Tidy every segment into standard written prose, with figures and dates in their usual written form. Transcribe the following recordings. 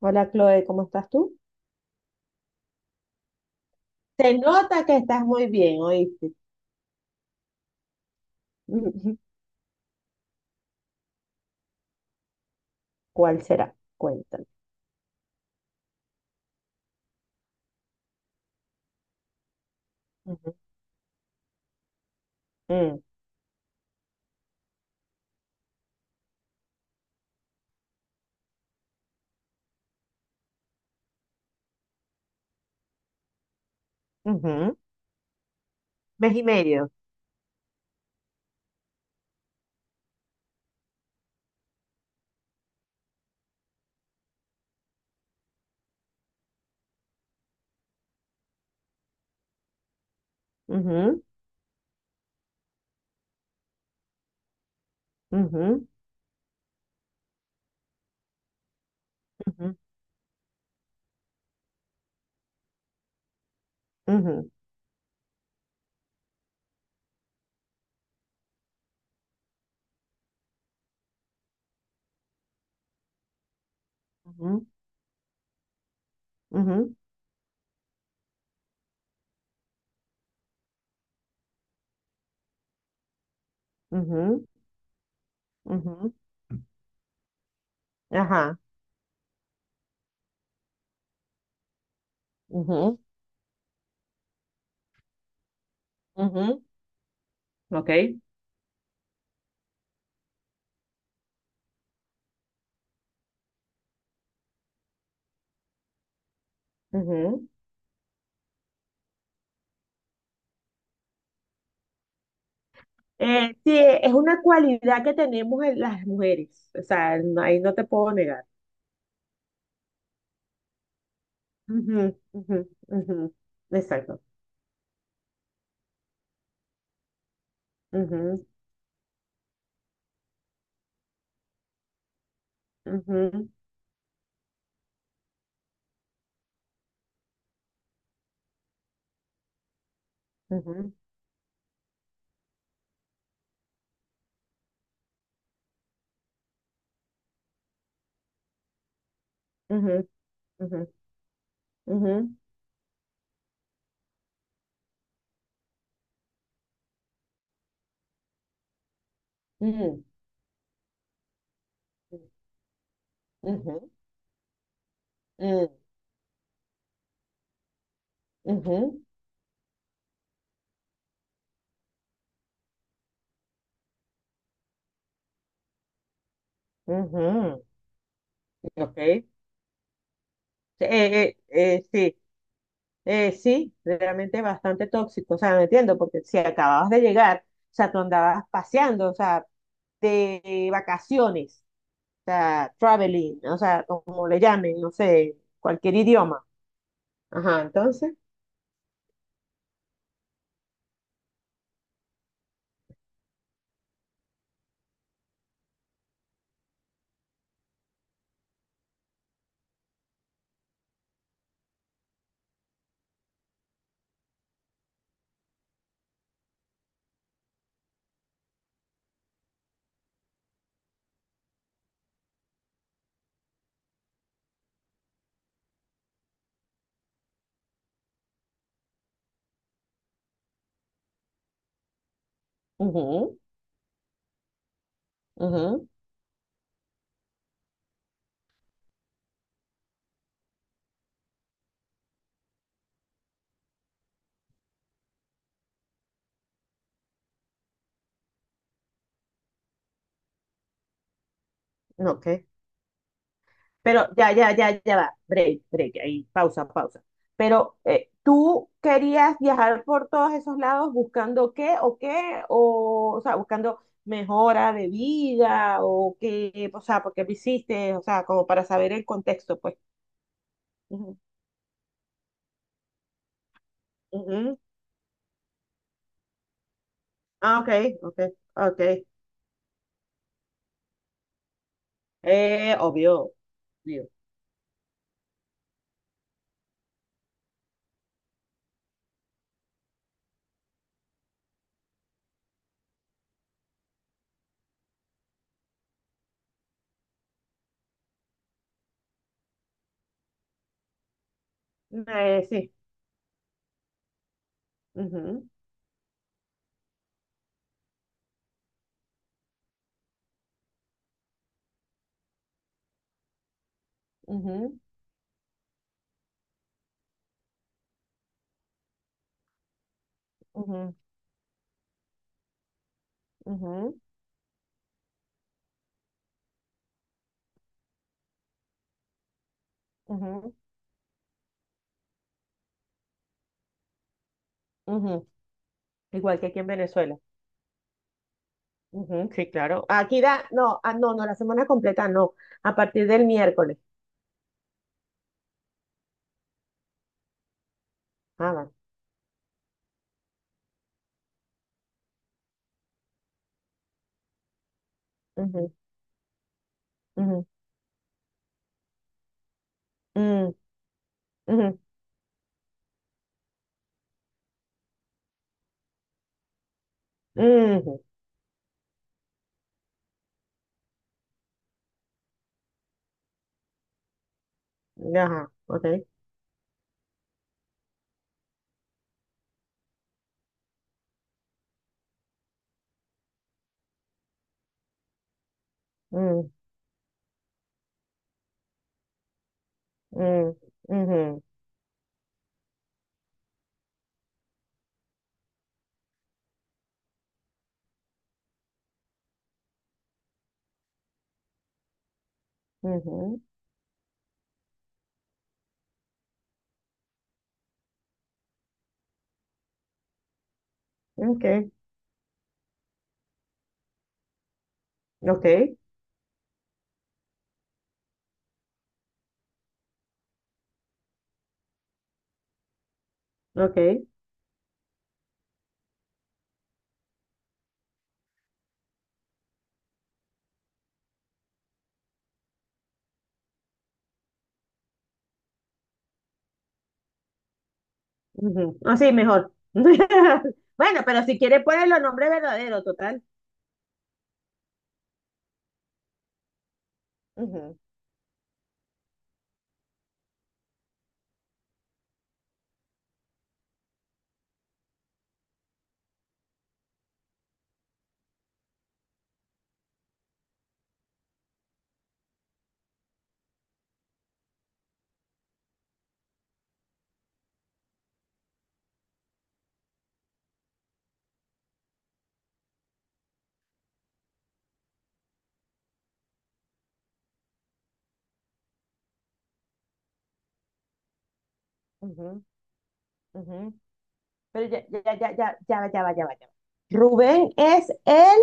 Hola Chloe, ¿cómo estás tú? Se nota que estás muy bien, ¿oíste? ¿Cuál será? Cuéntame. Ujú, mm, ujú. Mes y medio. Ujú, ujú, ujú, ujú, ujú, ujú, ujú, ujú. Ajá. Ujú, ujú. Ok. Ujú. Sí, es una cualidad que tenemos en las mujeres. O sea, ahí no te puedo negar. Ujú, ujú, ujú. Exacto. Ujú, ujú, ujú, ujú, ujú, ujú, mm, ujú, mm, ujú, ujú, ok. Sí, sí, realmente bastante tóxico. O sea, no entiendo, porque si acababas de llegar, o sea, tú andabas paseando, o sea, de vacaciones, o sea, traveling, o sea, como le llamen, no sé, cualquier idioma. Ajá, entonces, ujú, ujú, ok. Pero ya, ya, ya, ya va. Break, break, ahí, pausa, pausa. Pero ¿tú querías viajar por todos esos lados buscando qué o qué? O sea, buscando mejora de vida o qué, o sea, porque lo hiciste, o sea, como para saber el contexto, pues. Ujú, ujú. Ah, ok, ok, ok. Obvio, obvio. Sí. Ujú, ujú, ujú, ujú, ujú, ujú. Igual que aquí en Venezuela. Ujú, sí, claro. Aquí da, no, ah, no, no, la semana completa no, a partir del miércoles. Ah, vale. Ujú, ujú, mm, ujú, ujú. Ajá, ok. Mm, mm, ujú, ujú. Ok, ok, ok. Ujú. Ah, sí, mejor. Bueno, pero si quiere poner los nombres verdaderos, total. Ujú, ujú, ujú. Pero ya, ya, ya, ya, ya, va, ya, va, ya, va, ya, va. Rubén es el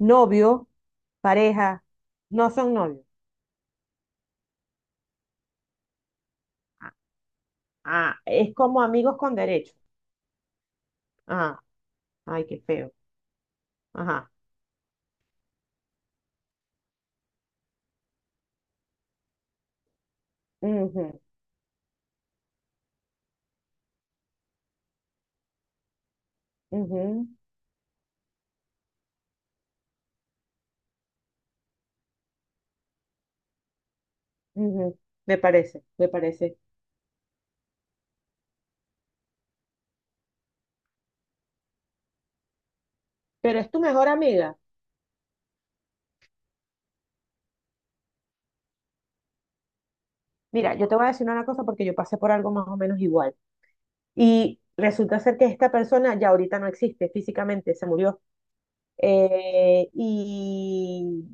novio, pareja, no son novios. Ah, es como amigos con derecho. Ah, ay, qué feo. Ajá. Ujú, ujú, ujú. Me parece, me parece. Pero es tu mejor amiga. Mira, yo te voy a decir una cosa porque yo pasé por algo más o menos igual. Y resulta ser que esta persona ya ahorita no existe físicamente, se murió. Y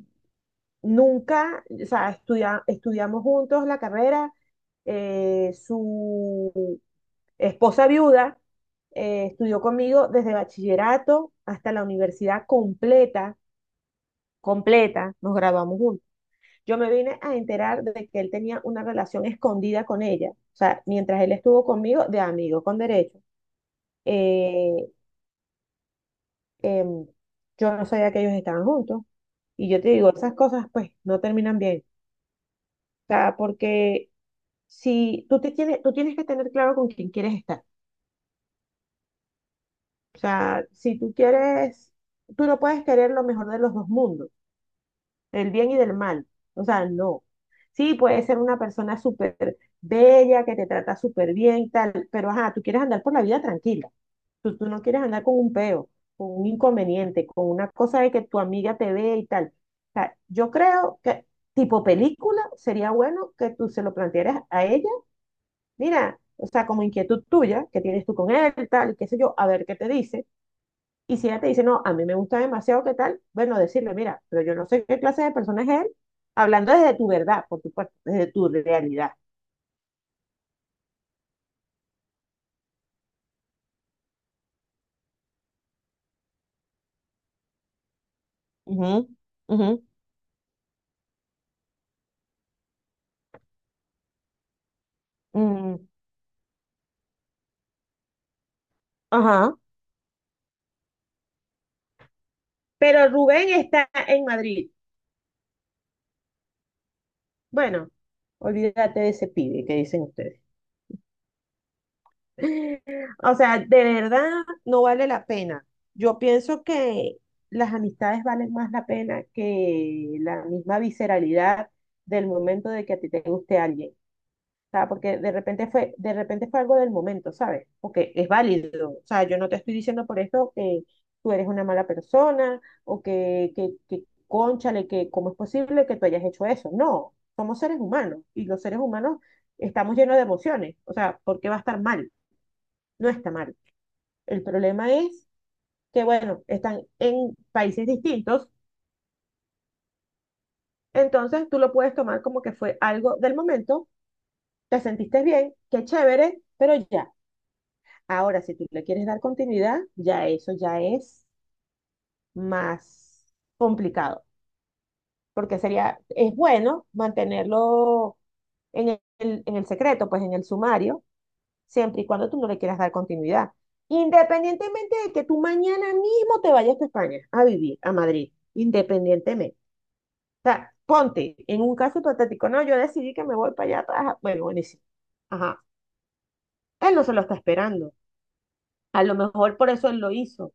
nunca, o sea, estudiamos juntos la carrera. Su, esposa viuda, estudió conmigo desde bachillerato hasta la universidad completa, completa, nos graduamos juntos. Yo me vine a enterar de que él tenía una relación escondida con ella, o sea, mientras él estuvo conmigo de amigo con derecho. Eh, em, yo no sabía que ellos estaban juntos. Y yo te digo, esas cosas pues no terminan bien. O sea, porque si tú tienes que tener claro con quién quieres estar. O sea, si tú quieres, tú no puedes querer lo mejor de los dos mundos, del bien y del mal. O sea, no. Sí, puede ser una persona súper bella, que te trata súper bien, y tal, pero ajá, tú quieres andar por la vida tranquila. Tú no quieres andar con un peo, con un inconveniente, con una cosa de que tu amiga te ve y tal. O sea, yo creo que tipo película sería bueno que tú se lo plantearas a ella. Mira, o sea, como inquietud tuya, que tienes tú con él, tal, y qué sé yo, a ver qué te dice y si ella te dice, no, a mí me gusta demasiado, ¿qué tal? Bueno, decirle, mira, pero yo no sé qué clase de persona es él, hablando desde tu verdad, por supuesto, desde tu realidad. Ujú, ujú, mm, ajá. Pero Rubén está en Madrid. Bueno, olvídate de ese pibe que dicen ustedes. O sea, de verdad no vale la pena. Yo pienso que las amistades valen más la pena que la misma visceralidad del momento de que a ti te guste alguien. Sea, porque de repente fue algo del momento, ¿sabes? Porque es válido. O sea, yo no te estoy diciendo por esto que tú eres una mala persona o que cónchale, que cómo es posible que tú hayas hecho eso. No, somos seres humanos y los seres humanos estamos llenos de emociones. O sea, ¿por qué va a estar mal? No está mal. El problema es que, bueno, están en países distintos, entonces tú lo puedes tomar como que fue algo del momento, te sentiste bien, qué chévere, pero ya. Ahora, si tú le quieres dar continuidad, ya eso ya es más complicado, porque sería, es bueno mantenerlo en el, en el secreto, pues en el sumario, siempre y cuando tú no le quieras dar continuidad. Independientemente de que tú mañana mismo te vayas a España a vivir, a Madrid, independientemente. O sea, ponte, en un caso hipotético, no, yo decidí que me voy para allá, bueno, buenísimo. Ajá, él no se lo está esperando. A lo mejor por eso él lo hizo.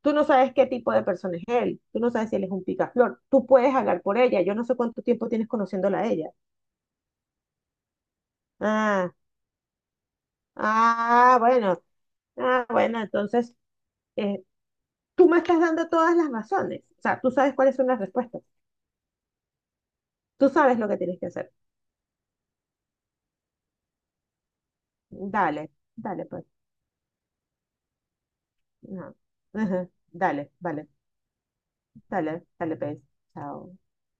Tú no sabes qué tipo de persona es él, tú no sabes si él es un picaflor, tú puedes hablar por ella, yo no sé cuánto tiempo tienes conociéndola a ella. Ah, ah, bueno, ah, bueno, entonces eh, tú me estás dando todas las razones, o sea, tú sabes cuáles son las respuestas, tú sabes lo que tienes que hacer. Dale, dale, pues, no. Ajá, dale, vale, dale, dale, pues, chao.